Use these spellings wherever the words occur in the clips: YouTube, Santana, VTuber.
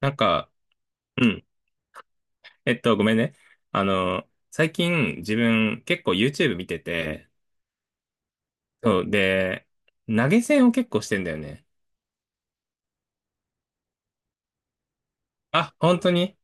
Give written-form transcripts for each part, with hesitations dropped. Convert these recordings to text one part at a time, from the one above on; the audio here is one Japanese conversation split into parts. なんか、うん。ごめんね。最近自分結構 YouTube 見てて、そう、で、投げ銭を結構してんだよね。あ、本当に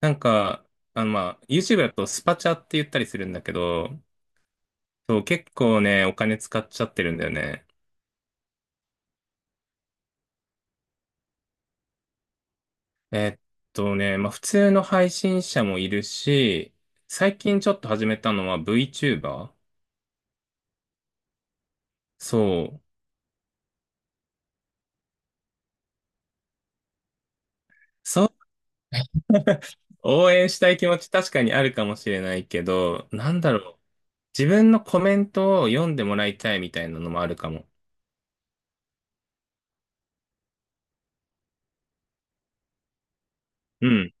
なんか、まあ、YouTube だとスパチャって言ったりするんだけど、そう、結構ね、お金使っちゃってるんだよね。えっまあ、普通の配信者もいるし、最近ちょっと始めたのは VTuber？ そう。そう、応援したい気持ち確かにあるかもしれないけど、なんだろう。自分のコメントを読んでもらいたいみたいなのもあるかも。うん。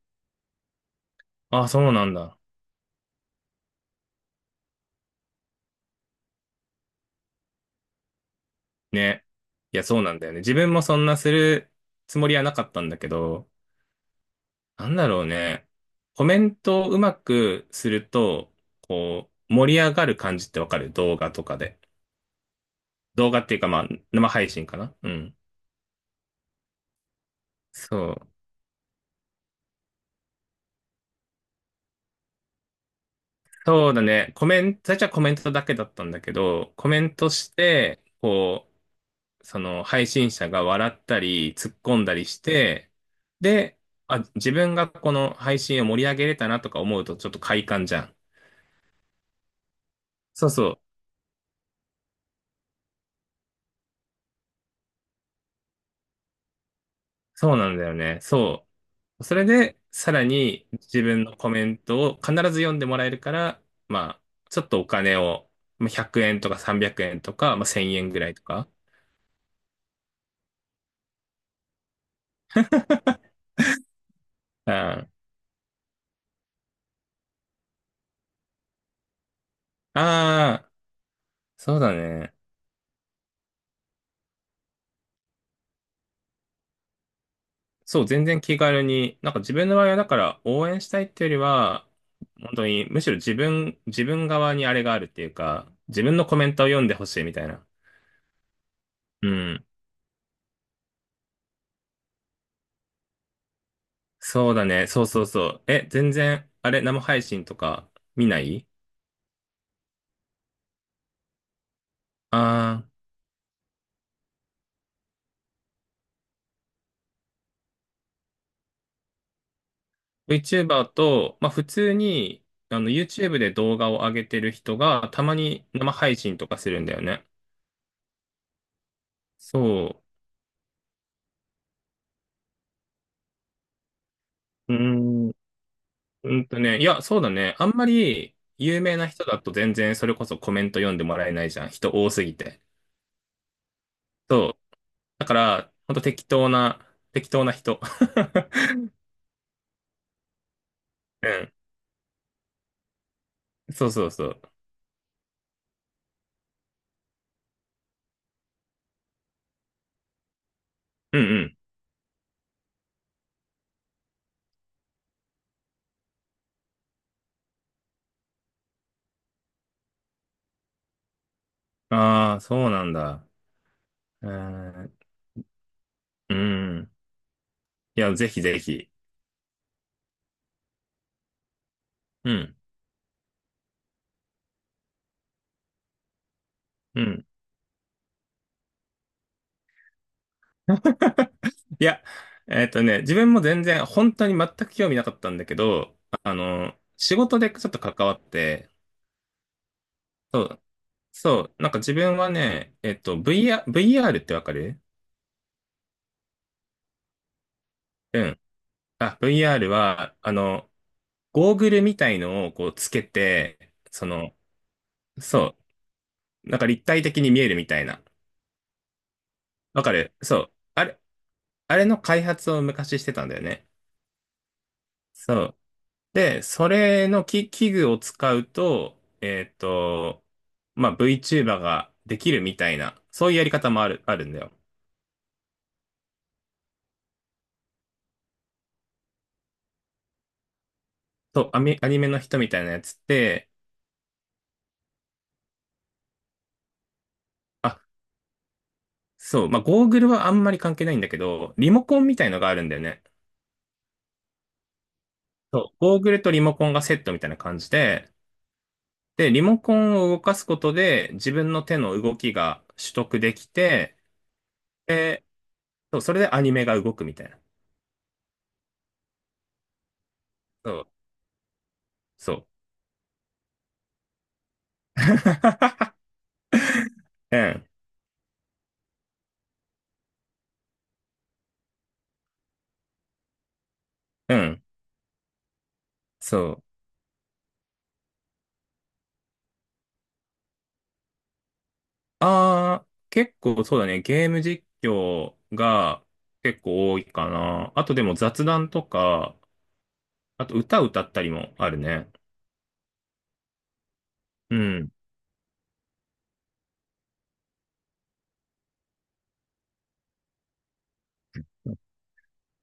あ、そうなんだ。ね。いや、そうなんだよね。自分もそんなするつもりはなかったんだけど、なんだろうね。コメントをうまくすると、こう、盛り上がる感じってわかる動画とかで。動画っていうか、まあ、生配信かな。うん。そう。そうだね。コメント、最初はコメントだけだったんだけど、コメントして、こう、その配信者が笑ったり突っ込んだりして、で、あ、自分がこの配信を盛り上げれたなとか思うとちょっと快感じゃん。そうそう。そうなんだよね。そう。それで、さらに自分のコメントを必ず読んでもらえるから、まあ、ちょっとお金を、まあ100円とか300円とか、まあ1000円ぐらいとか。うん。ああ、そうだね。そう、全然気軽に、なんか自分の場合はだから応援したいっていうよりは、本当にむしろ自分側にあれがあるっていうか、自分のコメントを読んでほしいみたいな。うん。そうだね。そうそうそう。え、全然、あれ、生配信とか見ない？ああー、VTuber と、まあ普通に、YouTube で動画を上げてる人が、たまに生配信とかするんだよね。そう。うーん。いや、そうだね。あんまり有名な人だと全然それこそコメント読んでもらえないじゃん。人多すぎて。そう。だから、ほんと適当な人。うん。そうそうそう。うんうん。ああ、そうなんだ。うーん。うん。いや、ぜひぜひ。うん。うん。いや、自分も全然、本当に全く興味なかったんだけど、仕事でちょっと関わって、そうそう、なんか自分はね、VR、ってわかる？うん。あ、VR は、ゴーグルみたいのをこうつけて、そう、なんか立体的に見えるみたいな。わかる。そう。あれの開発を昔してたんだよね。そう。で、それの器具を使うと、えっと、まあ、VTuber ができるみたいな、そういうやり方もあるんだよ。そう、アニメの人みたいなやつって、あそう、まあ、ゴーグルはあんまり関係ないんだけど、リモコンみたいのがあるんだよね。そう、ゴーグルとリモコンがセットみたいな感じで、で、リモコンを動かすことで自分の手の動きが取得できて、で、そう、それでアニメが動くみたいな。そう、そう。うん、うん、そう。あー、結構そうだね、ゲーム実況が結構多いかな。あとでも雑談とか、あと歌歌ったりもあるね。うん、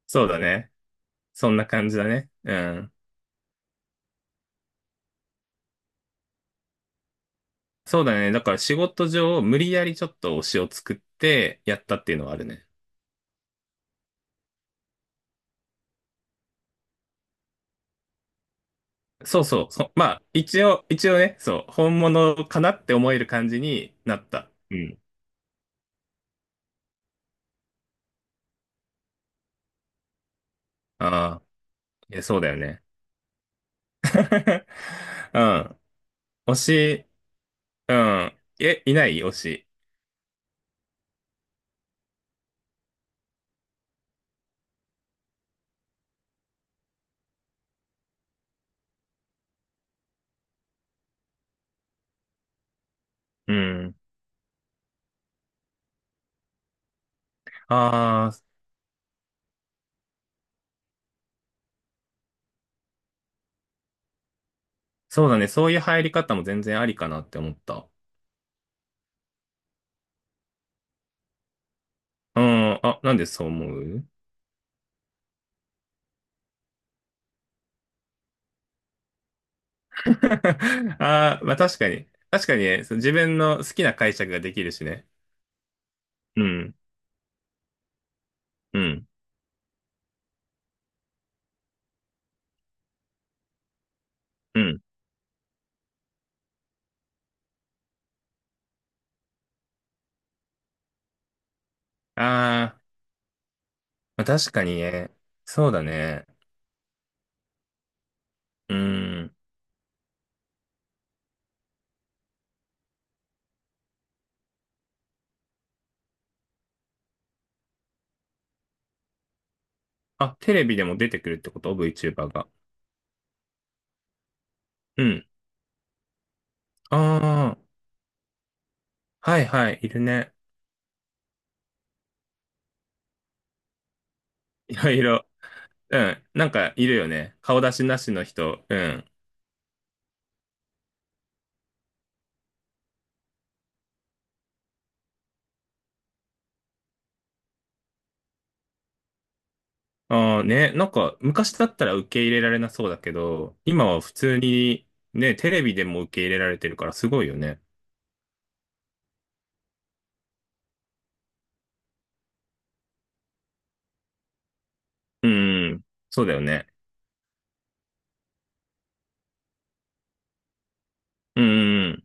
そうだね。そんな感じだね。うん。そうだね。だから仕事上、無理やりちょっと推しを作ってやったっていうのはあるね。そうそう。まあ、一応ね、そう、本物かなって思える感じになった。うん。ああ、いや、そうだよね。うん。推し、うん。え、いない推し？うん。ああ、そうだね。そういう入り方も全然ありかなって思った。うん。あ、なんでそう思う？ ああ、まあ確かに。確かにね、その自分の好きな解釈ができるしね。うん、うん、うん。ああ、まあ確かにね。そうだね。うん。あ、テレビでも出てくるってこと？ VTuber が。うん。ああ、はいはい、いるね。いろいろ。うん。なんかいるよね。顔出しなしの人。うん。ああね、なんか昔だったら受け入れられなそうだけど、今は普通にね、テレビでも受け入れられてるからすごいよね。うん。そうだよね。うん。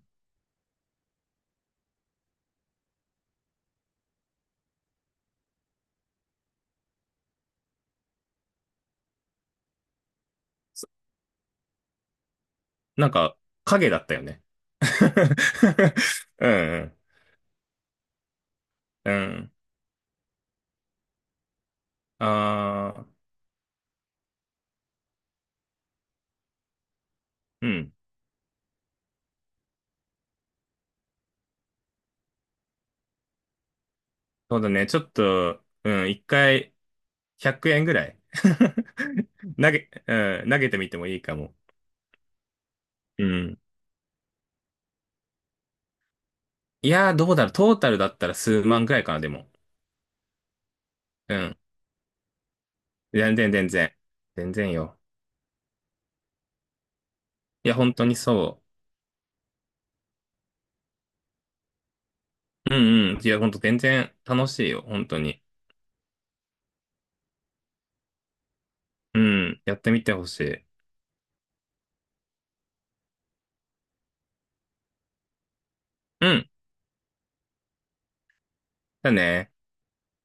なんか、影だったよね。うん。うん。ああ、うん。そうだね。ちょっと、うん。一回、100円ぐらい 投げ、うん。投げてみてもいいかも。うん。いやー、どうだろう。トータルだったら数万ぐらいかな、でも。うん。全然、全然。全然よ。いや、本当にそう。うんうん。いや、本当全然楽しいよ。本当に。うん。やってみてほしい。うん。だね。